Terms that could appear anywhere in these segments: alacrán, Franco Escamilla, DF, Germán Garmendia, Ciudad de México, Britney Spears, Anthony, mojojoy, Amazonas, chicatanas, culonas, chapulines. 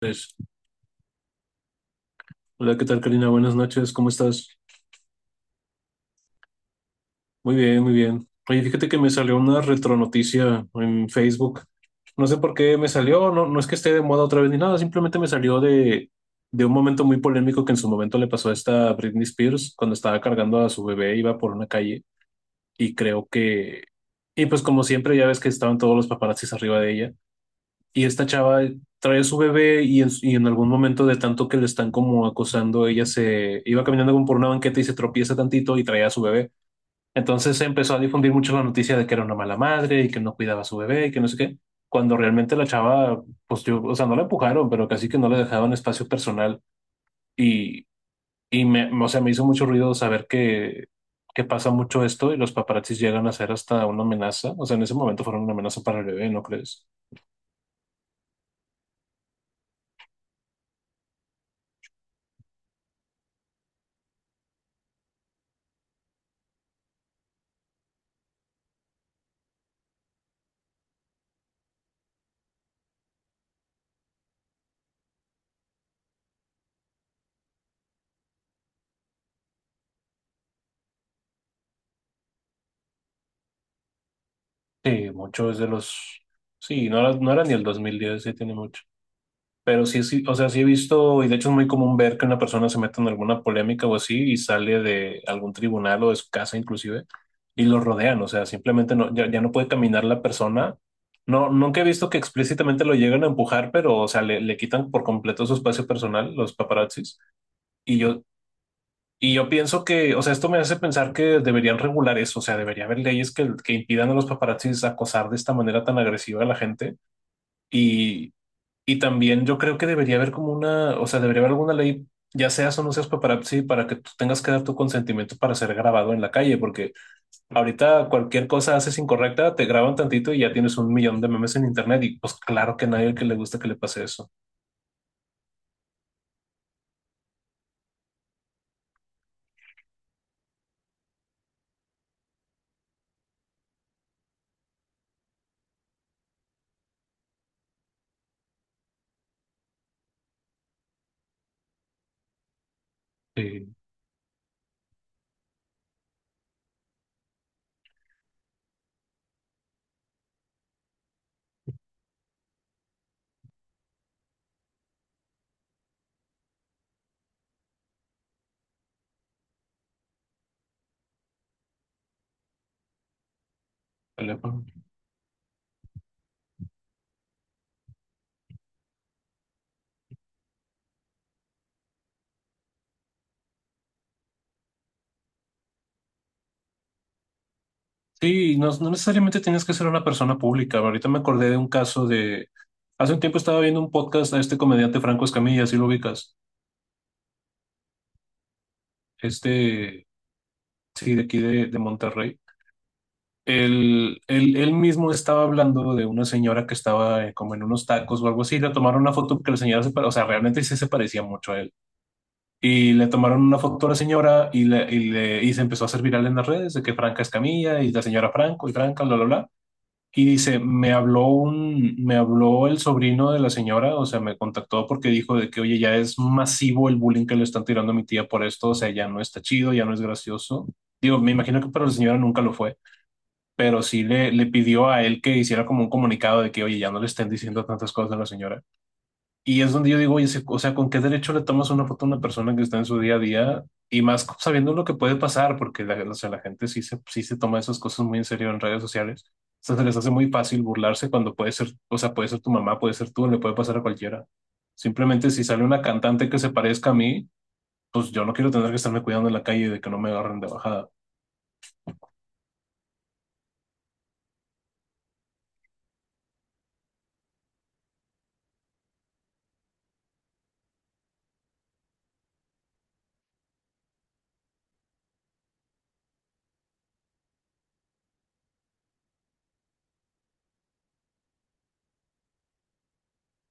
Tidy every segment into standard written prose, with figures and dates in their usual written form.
Pues, hola, ¿qué tal, Karina? Buenas noches, ¿cómo estás? Muy bien, muy bien. Oye, fíjate que me salió una retronoticia en Facebook. No sé por qué me salió, no, no es que esté de moda otra vez ni nada, simplemente me salió de un momento muy polémico que en su momento le pasó a esta Britney Spears cuando estaba cargando a su bebé, iba por una calle y creo que. Y pues como siempre, ya ves que estaban todos los paparazzis arriba de ella. Y esta chava trae a su bebé y en algún momento de tanto que le están como acosando, ella se iba caminando como por una banqueta y se tropieza tantito y traía a su bebé. Entonces se empezó a difundir mucho la noticia de que era una mala madre y que no cuidaba a su bebé y que no sé qué. Cuando realmente la chava, pues yo, o sea, no la empujaron, pero casi que no le dejaban espacio personal. Y, y me, o sea, me hizo mucho ruido saber que pasa mucho esto y los paparazzis llegan a ser hasta una amenaza. O sea, en ese momento fueron una amenaza para el bebé, ¿no crees? Sí, mucho es de los. Sí, no era ni el 2010, sí tiene mucho. Pero sí, sí, o sea, sí he visto, y de hecho es muy común ver que una persona se mete en alguna polémica o así y sale de algún tribunal o de su casa inclusive y lo rodean, o sea, simplemente no, ya, ya no puede caminar la persona. No, nunca he visto que explícitamente lo lleguen a empujar, pero, o sea, le quitan por completo su espacio personal, los paparazzis. Y yo, y yo pienso que, o sea, esto me hace pensar que deberían regular eso, o sea, debería haber leyes que impidan a los paparazzis acosar de esta manera tan agresiva a la gente. Y, y también yo creo que debería haber como una, o sea, debería haber alguna ley, ya seas o no seas paparazzi, para que tú tengas que dar tu consentimiento para ser grabado en la calle, porque ahorita cualquier cosa haces incorrecta, te graban tantito y ya tienes un millón de memes en internet y pues claro que a nadie que le gusta que le pase eso. Sí. Sí, no, no necesariamente tienes que ser una persona pública. Ahorita me acordé de un caso de. Hace un tiempo estaba viendo un podcast a este comediante Franco Escamilla, si lo ubicas. Este, sí, de aquí de Monterrey. Él mismo estaba hablando de una señora que estaba como en unos tacos o algo así. Le tomaron una foto porque la señora se parecía, o sea, realmente sí se parecía mucho a él. Y le tomaron una foto a la señora y se empezó a hacer viral en las redes de que Franca Escamilla y la señora Franco y Franca, bla, bla, bla. Y dice, me habló el sobrino de la señora, o sea, me contactó porque dijo de que, oye, ya es masivo el bullying que le están tirando a mi tía por esto, o sea, ya no está chido, ya no es gracioso. Digo, me imagino que para la señora nunca lo fue, pero sí le pidió a él que hiciera como un comunicado de que, oye, ya no le estén diciendo tantas cosas a la señora. Y es donde yo digo, oye, se- o sea, ¿con qué derecho le tomas una foto a una persona que está en su día a día? Y más sabiendo lo que puede pasar, porque la, o sea, la gente sí se toma esas cosas muy en serio en redes sociales. O sea, se les hace muy fácil burlarse cuando puede ser, o sea, puede ser tu mamá, puede ser tú, le puede pasar a cualquiera. Simplemente si sale una cantante que se parezca a mí, pues yo no quiero tener que estarme cuidando en la calle de que no me agarren de bajada.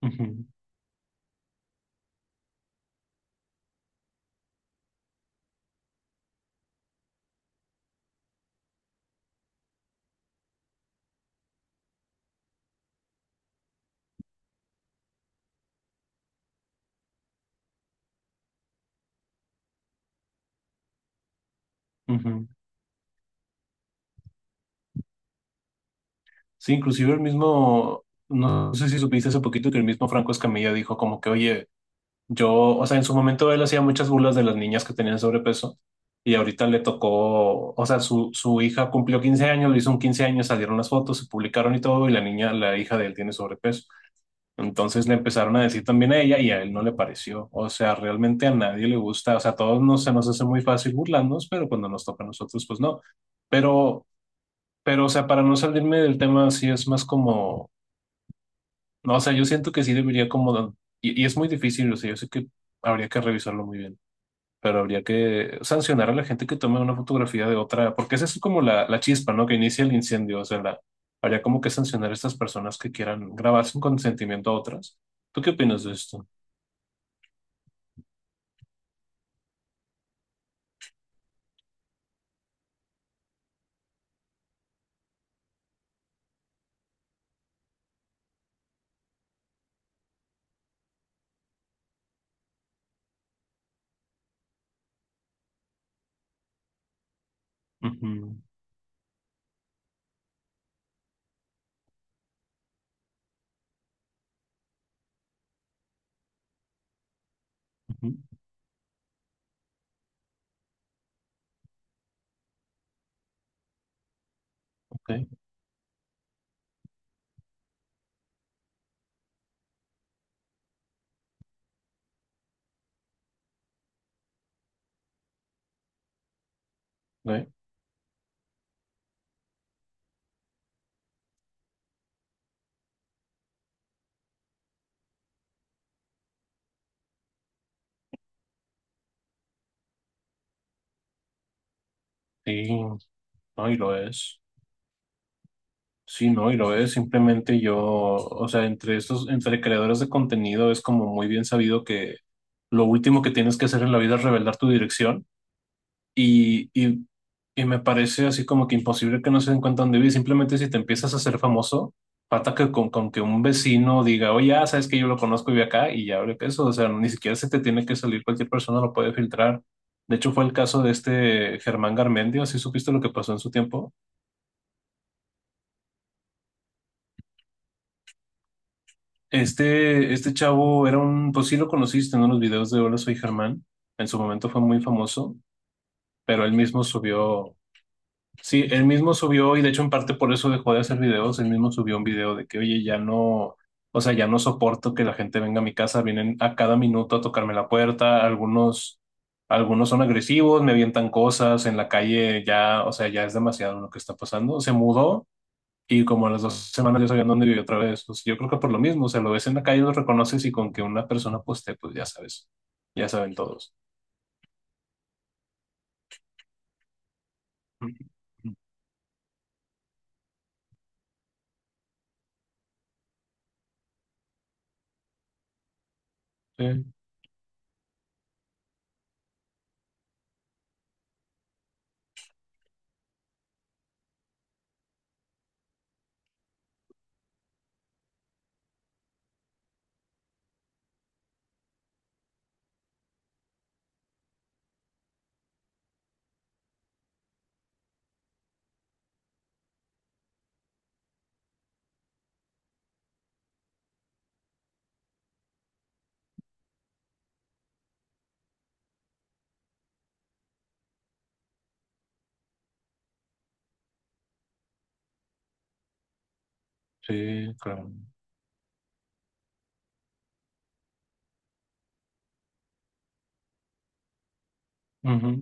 Ujú, ujú. Sí, inclusive el mismo, no sé si supiste hace poquito que el mismo Franco Escamilla dijo como que, oye, yo, o sea, en su momento él hacía muchas burlas de las niñas que tenían sobrepeso y ahorita le tocó, o sea, su hija cumplió 15 años, le hizo un 15 años, salieron las fotos, se publicaron y todo y la niña, la hija de él tiene sobrepeso. Entonces le empezaron a decir también a ella y a él no le pareció. O sea, realmente a nadie le gusta, o sea, a todos nos, se nos hace muy fácil burlarnos, pero cuando nos toca a nosotros, pues no. Pero, pero, o sea, para no salirme del tema, sí es más como, no, o sea, yo siento que sí debería como, y es muy difícil, o sea, yo sé que habría que revisarlo muy bien, pero habría que sancionar a la gente que tome una fotografía de otra, porque esa es como la chispa, ¿no? Que inicia el incendio, o sea, la- habría como que sancionar a estas personas que quieran grabar sin consentimiento a otras. ¿Tú qué opinas de esto? Ujú, ujú, ok, ok. Sí, no, y lo es. Sí, no, y lo es. Simplemente yo, o sea, entre estos, entre creadores de contenido es como muy bien sabido que lo último que tienes que hacer en la vida es revelar tu dirección. Y, y, y me parece así como que imposible que no se den cuenta dónde vive. Simplemente si te empiezas a hacer famoso, falta que con que un vecino diga, oye, ah, sabes que yo lo conozco y vive acá y ya abre peso. O sea, ni siquiera se te tiene que salir, cualquier persona lo puede filtrar. De hecho, fue el caso de este Germán Garmendia, si supiste lo que pasó en su tiempo. Este chavo era un, pues sí lo conociste, ¿no? En unos videos de Hola, soy Germán. En su momento fue muy famoso, pero él mismo subió. Sí, él mismo subió, y de hecho en parte por eso dejó de hacer videos, él mismo subió un video de que, oye, ya no, o sea, ya no soporto que la gente venga a mi casa, vienen a cada minuto a tocarme la puerta, algunos, algunos son agresivos, me avientan cosas en la calle, ya, o sea, ya es demasiado lo que está pasando. Se mudó y como a las 2 semanas ya sabía dónde vivía otra vez. Pues, yo creo que por lo mismo, o sea, lo ves en la calle, lo reconoces y con que una persona poste, pues ya sabes, ya saben todos. Ujú. Sí, sí, claro.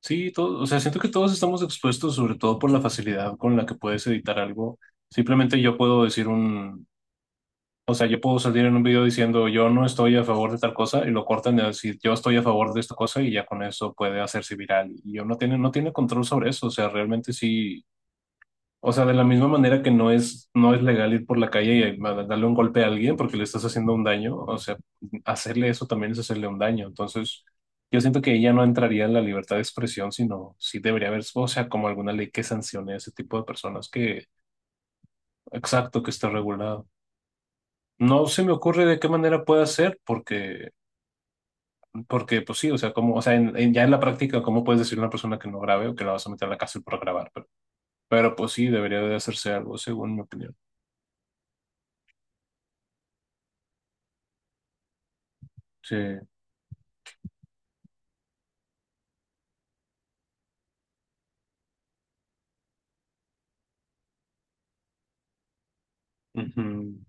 Sí, todo, o sea, siento que todos estamos expuestos, sobre todo por la facilidad con la que puedes editar algo. Simplemente yo puedo decir un, o sea, yo puedo salir en un video diciendo yo no estoy a favor de tal cosa y lo cortan de decir yo estoy a favor de esta cosa y ya con eso puede hacerse viral. Y yo no tiene control sobre eso, o sea, realmente sí. O sea, de la misma manera que no es legal ir por la calle y ma- darle un golpe a alguien porque le estás haciendo un daño, o sea, hacerle eso también es hacerle un daño. Entonces, yo siento que ella no entraría en la libertad de expresión, sino sí debería haber, o sea, como alguna ley que sancione a ese tipo de personas que, exacto, que está regulado. No se me ocurre de qué manera puede ser, porque, porque pues sí, o sea, como, o sea, en- ya en la práctica, ¿cómo puedes decir a una persona que no grabe o que la vas a meter a la cárcel por grabar? Pero pues sí, debería de hacerse algo, según mi opinión. Sí. Ujú,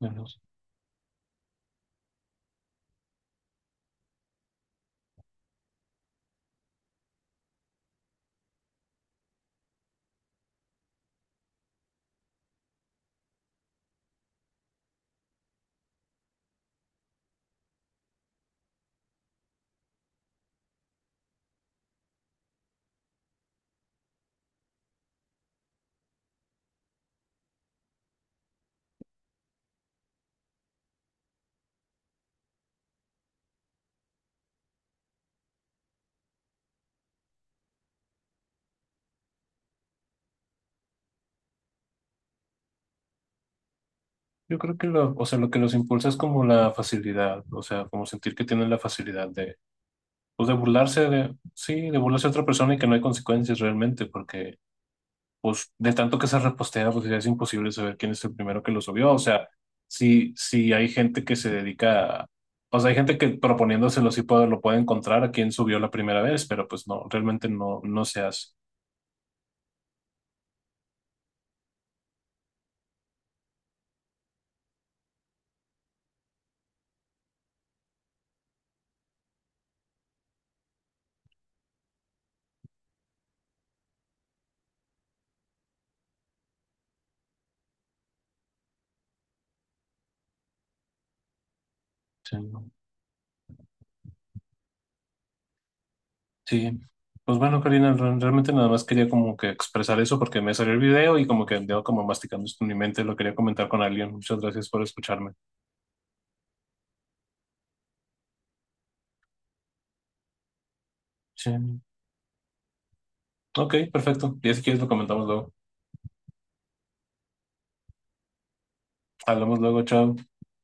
bueno, sí. Yo creo que lo, o sea, lo que los impulsa es como la facilidad, o sea, como sentir que tienen la facilidad de, pues de burlarse de, sí, de burlarse de otra persona y que no hay consecuencias realmente, porque pues de tanto que se repostea, pues ya es imposible saber quién es el primero que lo subió, o sea, si hay gente que se dedica a, o sea, hay gente que proponiéndoselo sí puede, lo puede encontrar a quién subió la primera vez, pero pues no, realmente no, no se hace. Sí. Sí, pues bueno, Karina, re- realmente nada más quería como que expresar eso porque me salió el video y como que andaba como masticando esto en mi mente, lo quería comentar con alguien. Muchas gracias por escucharme. Sí. Ok, perfecto. Ya si quieres lo comentamos luego. Hablamos luego, chao.